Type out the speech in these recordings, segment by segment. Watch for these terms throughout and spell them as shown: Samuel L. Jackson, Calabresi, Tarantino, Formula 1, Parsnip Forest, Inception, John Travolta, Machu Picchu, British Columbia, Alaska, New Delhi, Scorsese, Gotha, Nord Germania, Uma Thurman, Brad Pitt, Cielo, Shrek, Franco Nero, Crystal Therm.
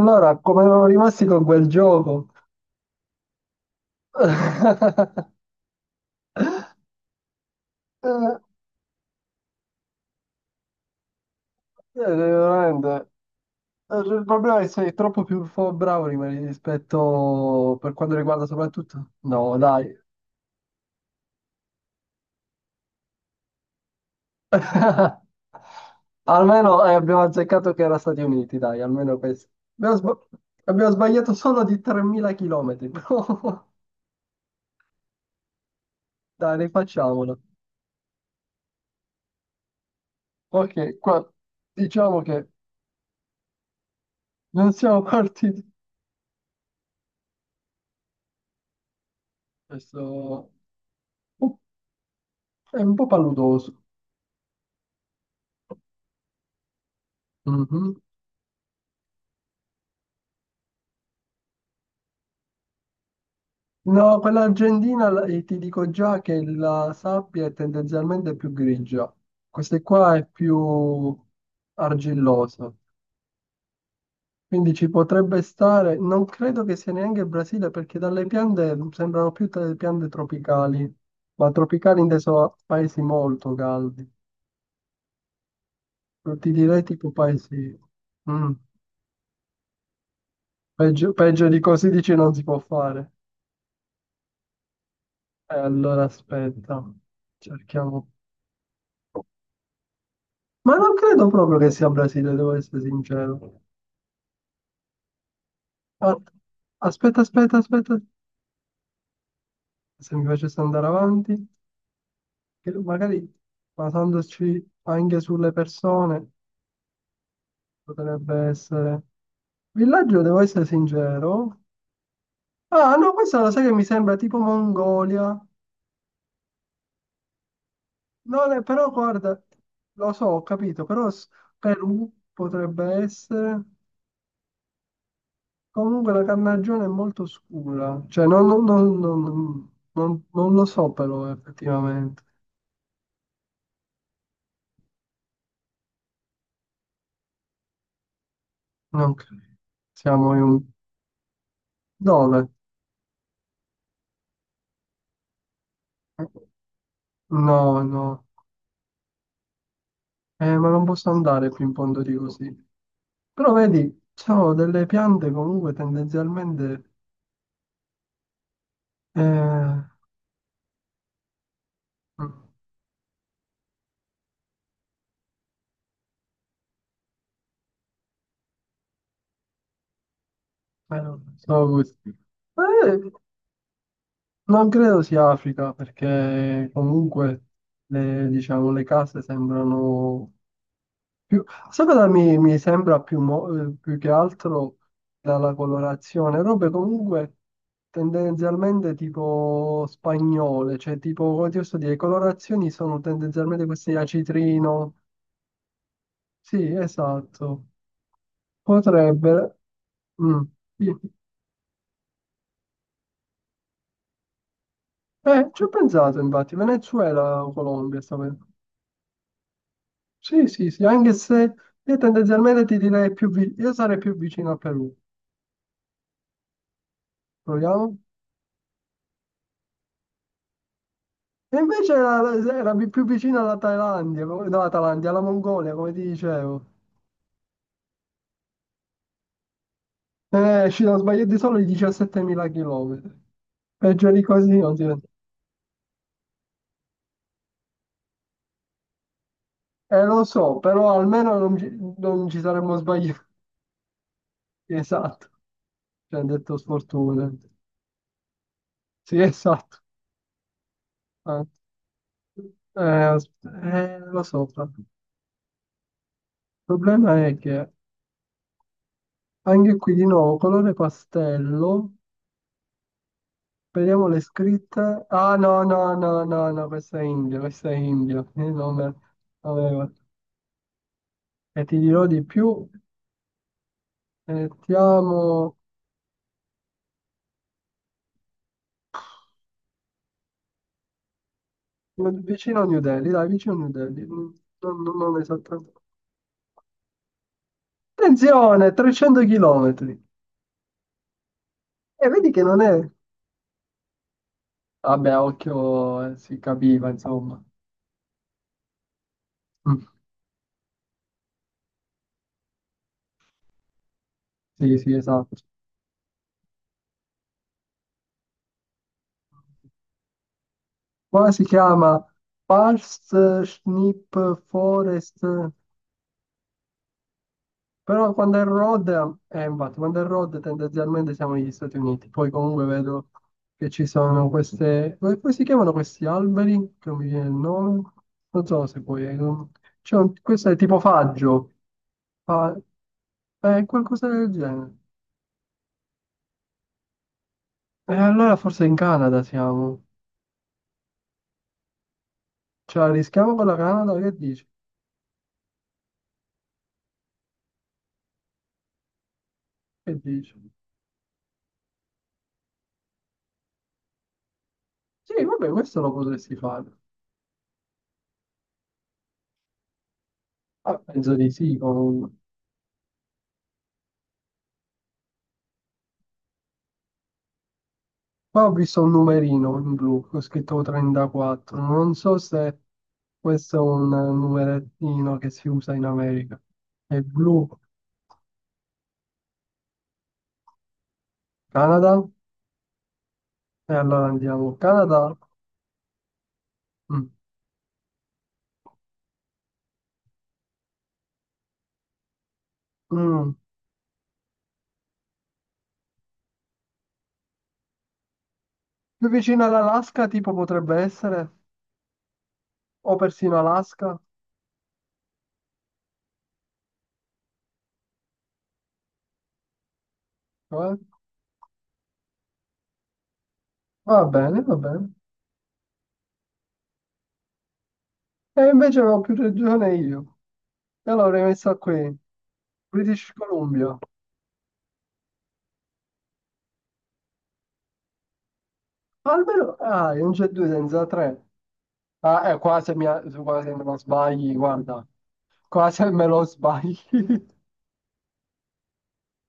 Allora, come erano rimasti con quel gioco? Eh, eh, veramente. Il problema è che sei troppo più bravo rimani rispetto per quanto riguarda soprattutto. No, dai. Almeno abbiamo azzeccato che era Stati Uniti, dai, almeno questo. Abbiamo, sba- abbiamo sbagliato solo di 3.000 km, però dai, rifacciamolo. Ok, qua diciamo che non siamo partiti. Questo uh, è un po' paludoso. Mhm. No, quella argentina ti dico già che la sabbia è tendenzialmente più grigia, questa qua è più argillosa, quindi ci potrebbe stare, non credo che sia neanche il Brasile perché dalle piante sembrano più delle piante tropicali, ma tropicali inteso a paesi molto caldi. Non ti direi tipo paesi... Mm. Peggio, peggio di così dici non si può fare. Allora aspetta, cerchiamo. Ma non credo proprio che sia Brasile, devo essere sincero. Ah, aspetta, aspetta, aspetta. Se mi facesse andare avanti, che magari basandoci anche sulle persone, potrebbe essere... Villaggio, devo essere sincero. Ah, no, questa lo sai che mi sembra tipo Mongolia. Non è, però guarda, lo so, ho capito, però Perù potrebbe essere. Comunque la carnagione è molto scura, cioè non lo so però effettivamente. Non credo. Siamo in un... Dove? No, no. Ma non posso andare più in fondo di così. Però vedi, sono delle piante comunque tendenzialmente... Eh, eh, non so questi. Non credo sia Africa perché comunque le, diciamo, le case sembrano Più- sai cosa mi sembra più, più che altro dalla colorazione? Robe comunque tendenzialmente tipo spagnole, cioè tipo, come ti posso dire, le colorazioni sono tendenzialmente questi a citrino. Sì, esatto. Potrebbe... mm, sì. Ci ho pensato infatti, Venezuela o Colombia. Sì, sì, sì, anche se io tendenzialmente ti direi più. Io sarei più vicino al Perù. Proviamo? E invece era più vicino alla Thailandia, no, alla Thailandia, alla Mongolia, come ti dicevo. Ci sono sbagliati solo i 17.000 chilometri. Peggio di così non si vede. Lo so, però almeno non ci saremmo sbagliati. Esatto, ci hanno detto sfortuna. Sì, esatto. Ah. Eh, as- lo so, il problema è che anche qui di nuovo colore pastello. Vediamo le scritte. Ah, no, no, no, no, no, questo è Indio, questo è Indio. Io non avevo. E ti dirò di più. Mettiamo vicino a New Delhi, dai, vicino a New Delhi. Non esattamente. Attenzione, 300 chilometri. E vedi che non è... Vabbè, a occhio, si capiva, insomma. Mm, sì, sì, esatto. Qua si chiama Parsnip Forest. Però quando è road, infatti, quando è road tendenzialmente siamo negli Stati Uniti, poi comunque vedo che ci sono queste, come si chiamano questi alberi? Che non mi viene il nome, non so se poi, c'è questo è tipo faggio, fa- qualcosa del genere. E allora forse in Canada siamo, ce la rischiamo con la Canada, che dici? Che dici? Sì, vabbè, questo lo potresti fare. Ah, penso di sì, comunque. Qua ho visto un numerino in blu, ho scritto 34, non so se questo è un numerettino che si usa in America. È blu, Canada, e allora andiamo, Canada. Mm. Mm. Più vicino all'Alaska tipo potrebbe essere, o persino Alaska, eh? Va bene, va bene. E invece avevo più regione io, e allora ho messo qui, British Columbia, almeno, ah, non c'è due senza tre. Ah, qua se me lo sbagli, guarda, qua se me lo sbagli.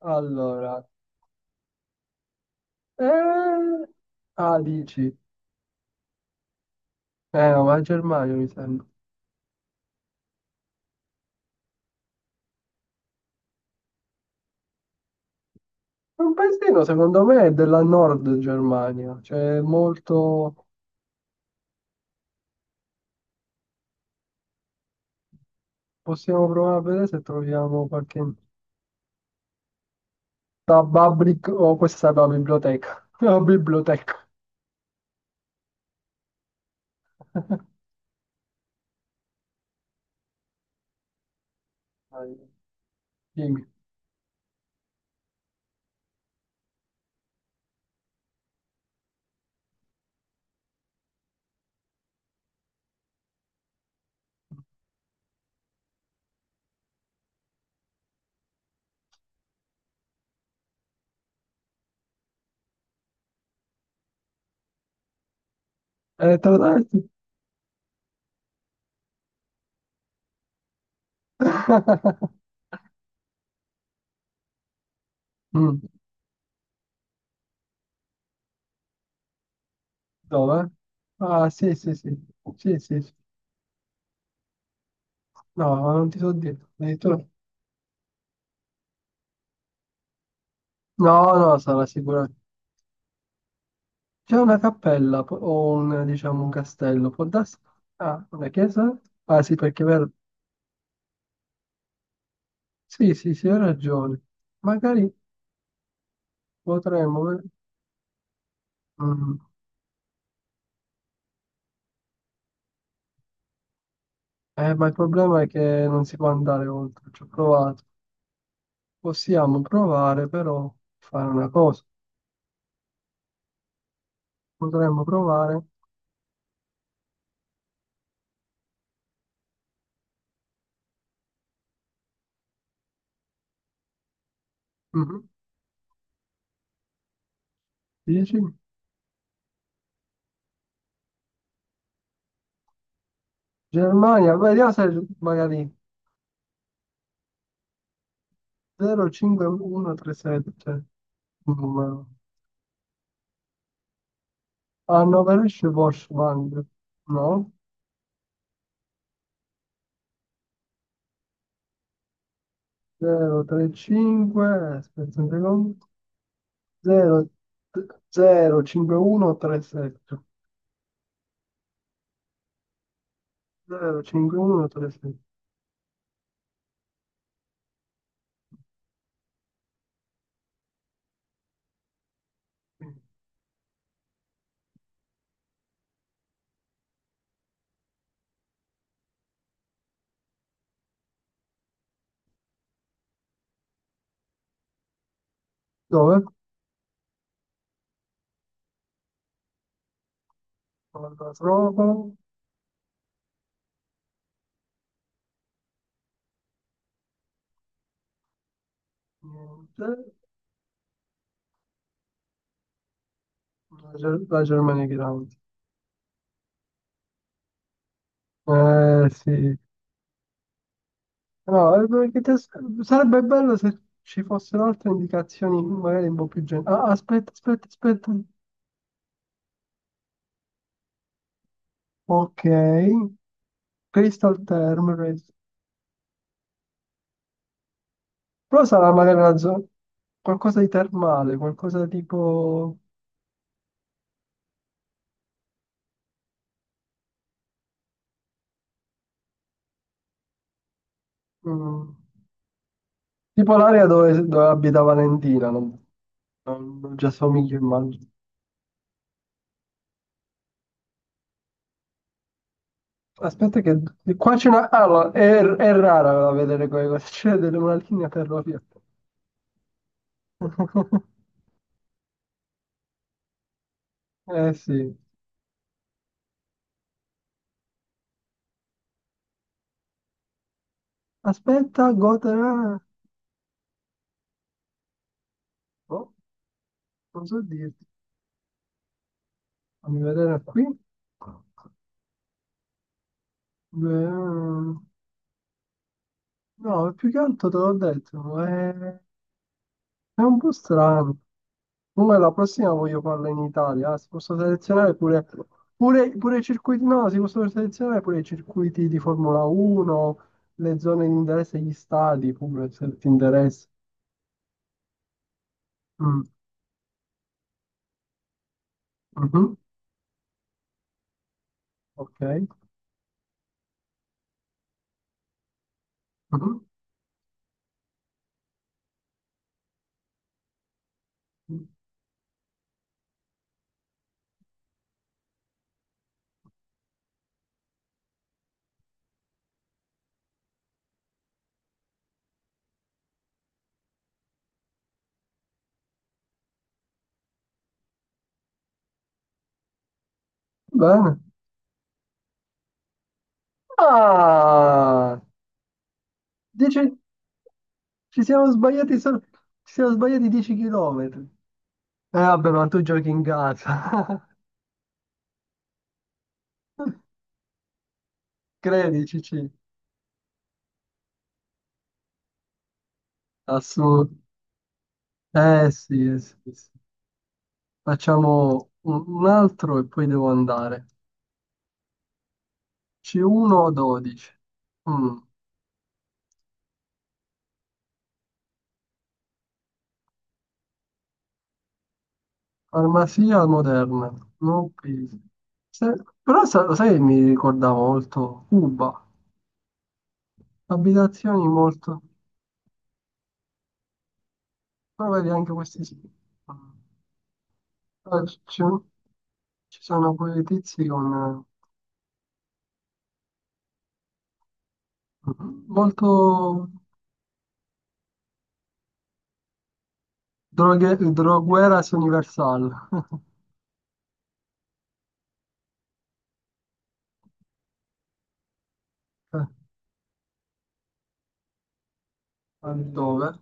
Allora, eh, ah, dici, no, ma è Germania mi sembra. È un paesino, secondo me, è della Nord Germania, cioè è molto... Possiamo provare a vedere se troviamo qualche... Da Babrik, oh, questa è la biblioteca, la biblioteca. Dai, dimmi. Te lo dai? Mm, dove? Ah, sì, sì, sì. Sì, sì, sì. No, ma non ti so dire. No, no, no, sarà sicuramente. C'è una cappella o un, diciamo, un castello. Può darsi... Ah, una chiesa? Ah, sì, perché è vero. Sì, sì, sì, hai ragione. Magari potremmomm. Ma il problema è che non si può andare oltre. Ci ho provato. Possiamo provare, però, fare una cosa. Potremmo provare... Mhm. Dici? Germania, vediamo se magari 05137, cioè un numero. Hanno Veloce Washband, no? 035, aspetta, un secondo, 0, 05137, 05137. Dove? Non la trovo, niente, la Germania Grande. Eh sì, no, perché sarebbe bello se ci fossero altre indicazioni, magari un po' più generali. Ah, aspetta, aspetta, aspetta. Ok, Crystal Therm. Però sarà magari una zona. Qualcosa di termale, qualcosa tipo, mm, tipo l'area dove abita Valentina, non ci assomiglio immagino. Aspetta che qua c'è una... Ah, no, è rara da vedere quelle cose, c'è una linea ferroviaria. Eh sì. Aspetta, Gotha... Oh, non so dirti. Fammi vedere qui. No, più che altro te l'ho detto, è un po' strano. Comunque la prossima voglio farla in Italia, eh. Si possono selezionare pure i circuiti, no, si possono selezionare pure i circuiti di Formula 1, le zone di interesse, gli stadi pure, se ti interessa. Mm, mhm, ok. Mhm. Bene. Ah, dieci- ci siamo sbagliati 10 km. Eh vabbè, ma tu giochi in casa. Credici, assurdo. Eh sì, sì. Sì. Facciamo un altro e poi devo andare. C1 o 12? Mm. Farmacia moderna. No, please. Se- lo sai che mi ricordava molto Cuba. Abitazioni molto... Però vedi anche questi sì. Mm. Ah, Ci sono quei tizi con... eh, Molto... Droghe, drogueras universal. Dove?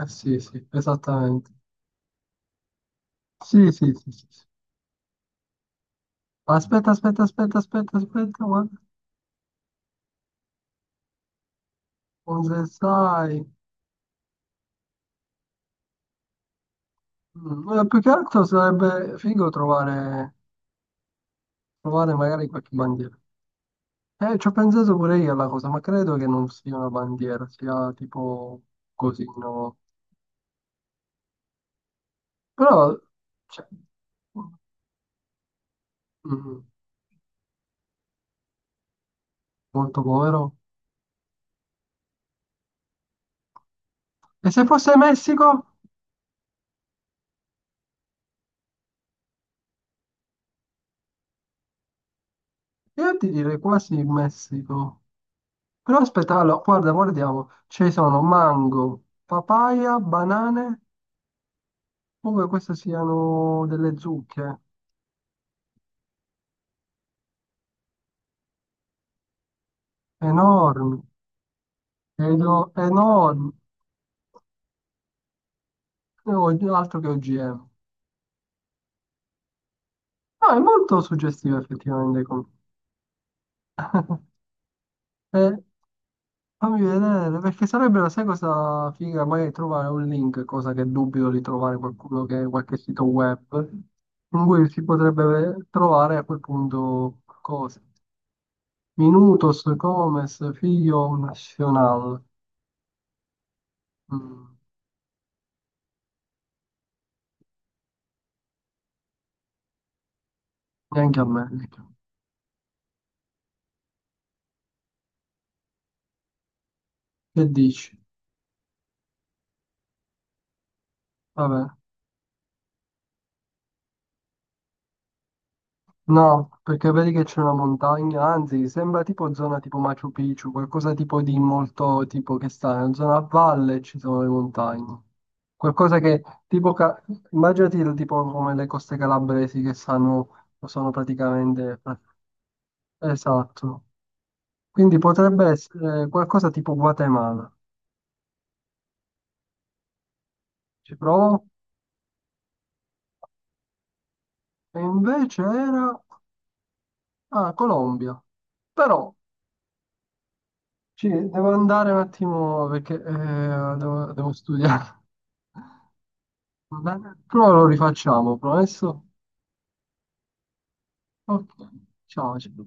Eh sì, sì, esattamente. Sì, sì, sì, sì. Sì. Aspetta, aspetta, aspetta, aspetta, aspetta, guarda. Cosa sai? Mm, più che altro sarebbe figo trovare magari qualche bandiera. Ci ho pensato pure io alla cosa, ma credo che non sia una bandiera, sia tipo così, no? Però, cioè, mm, molto povero. E se fosse Messico? Io ti direi quasi Messico. Però aspetta, allora, guarda, guardiamo. Ci sono mango, papaya, banane. Come queste siano delle zucche enormi, credo enormi, altro che OGM. No, è molto suggestivo effettivamente. Eh, fammi vedere, perché sarebbero, sai cosa figa, magari trovare un link, cosa che dubito di trovare qualcuno che qualche sito web, in cui si potrebbe trovare a quel punto cose. Minutos, comes, figlio nazionale. Mm, neanche a me. Che dici? Vabbè. No, perché vedi che c'è una montagna, anzi, sembra tipo zona tipo Machu Picchu, qualcosa tipo di molto tipo che sta in una zona a valle e ci sono le montagne. Qualcosa che tipo, immaginati il tipo come le coste calabresi che stanno, sono praticamente... Esatto. Quindi potrebbe essere qualcosa tipo Guatemala. Ci provo. E invece era... Ah, Colombia. Però ci devo andare un attimo perché devo studiare. Vabbè, prova lo rifacciamo, promesso? Ok, ciao. Ciao.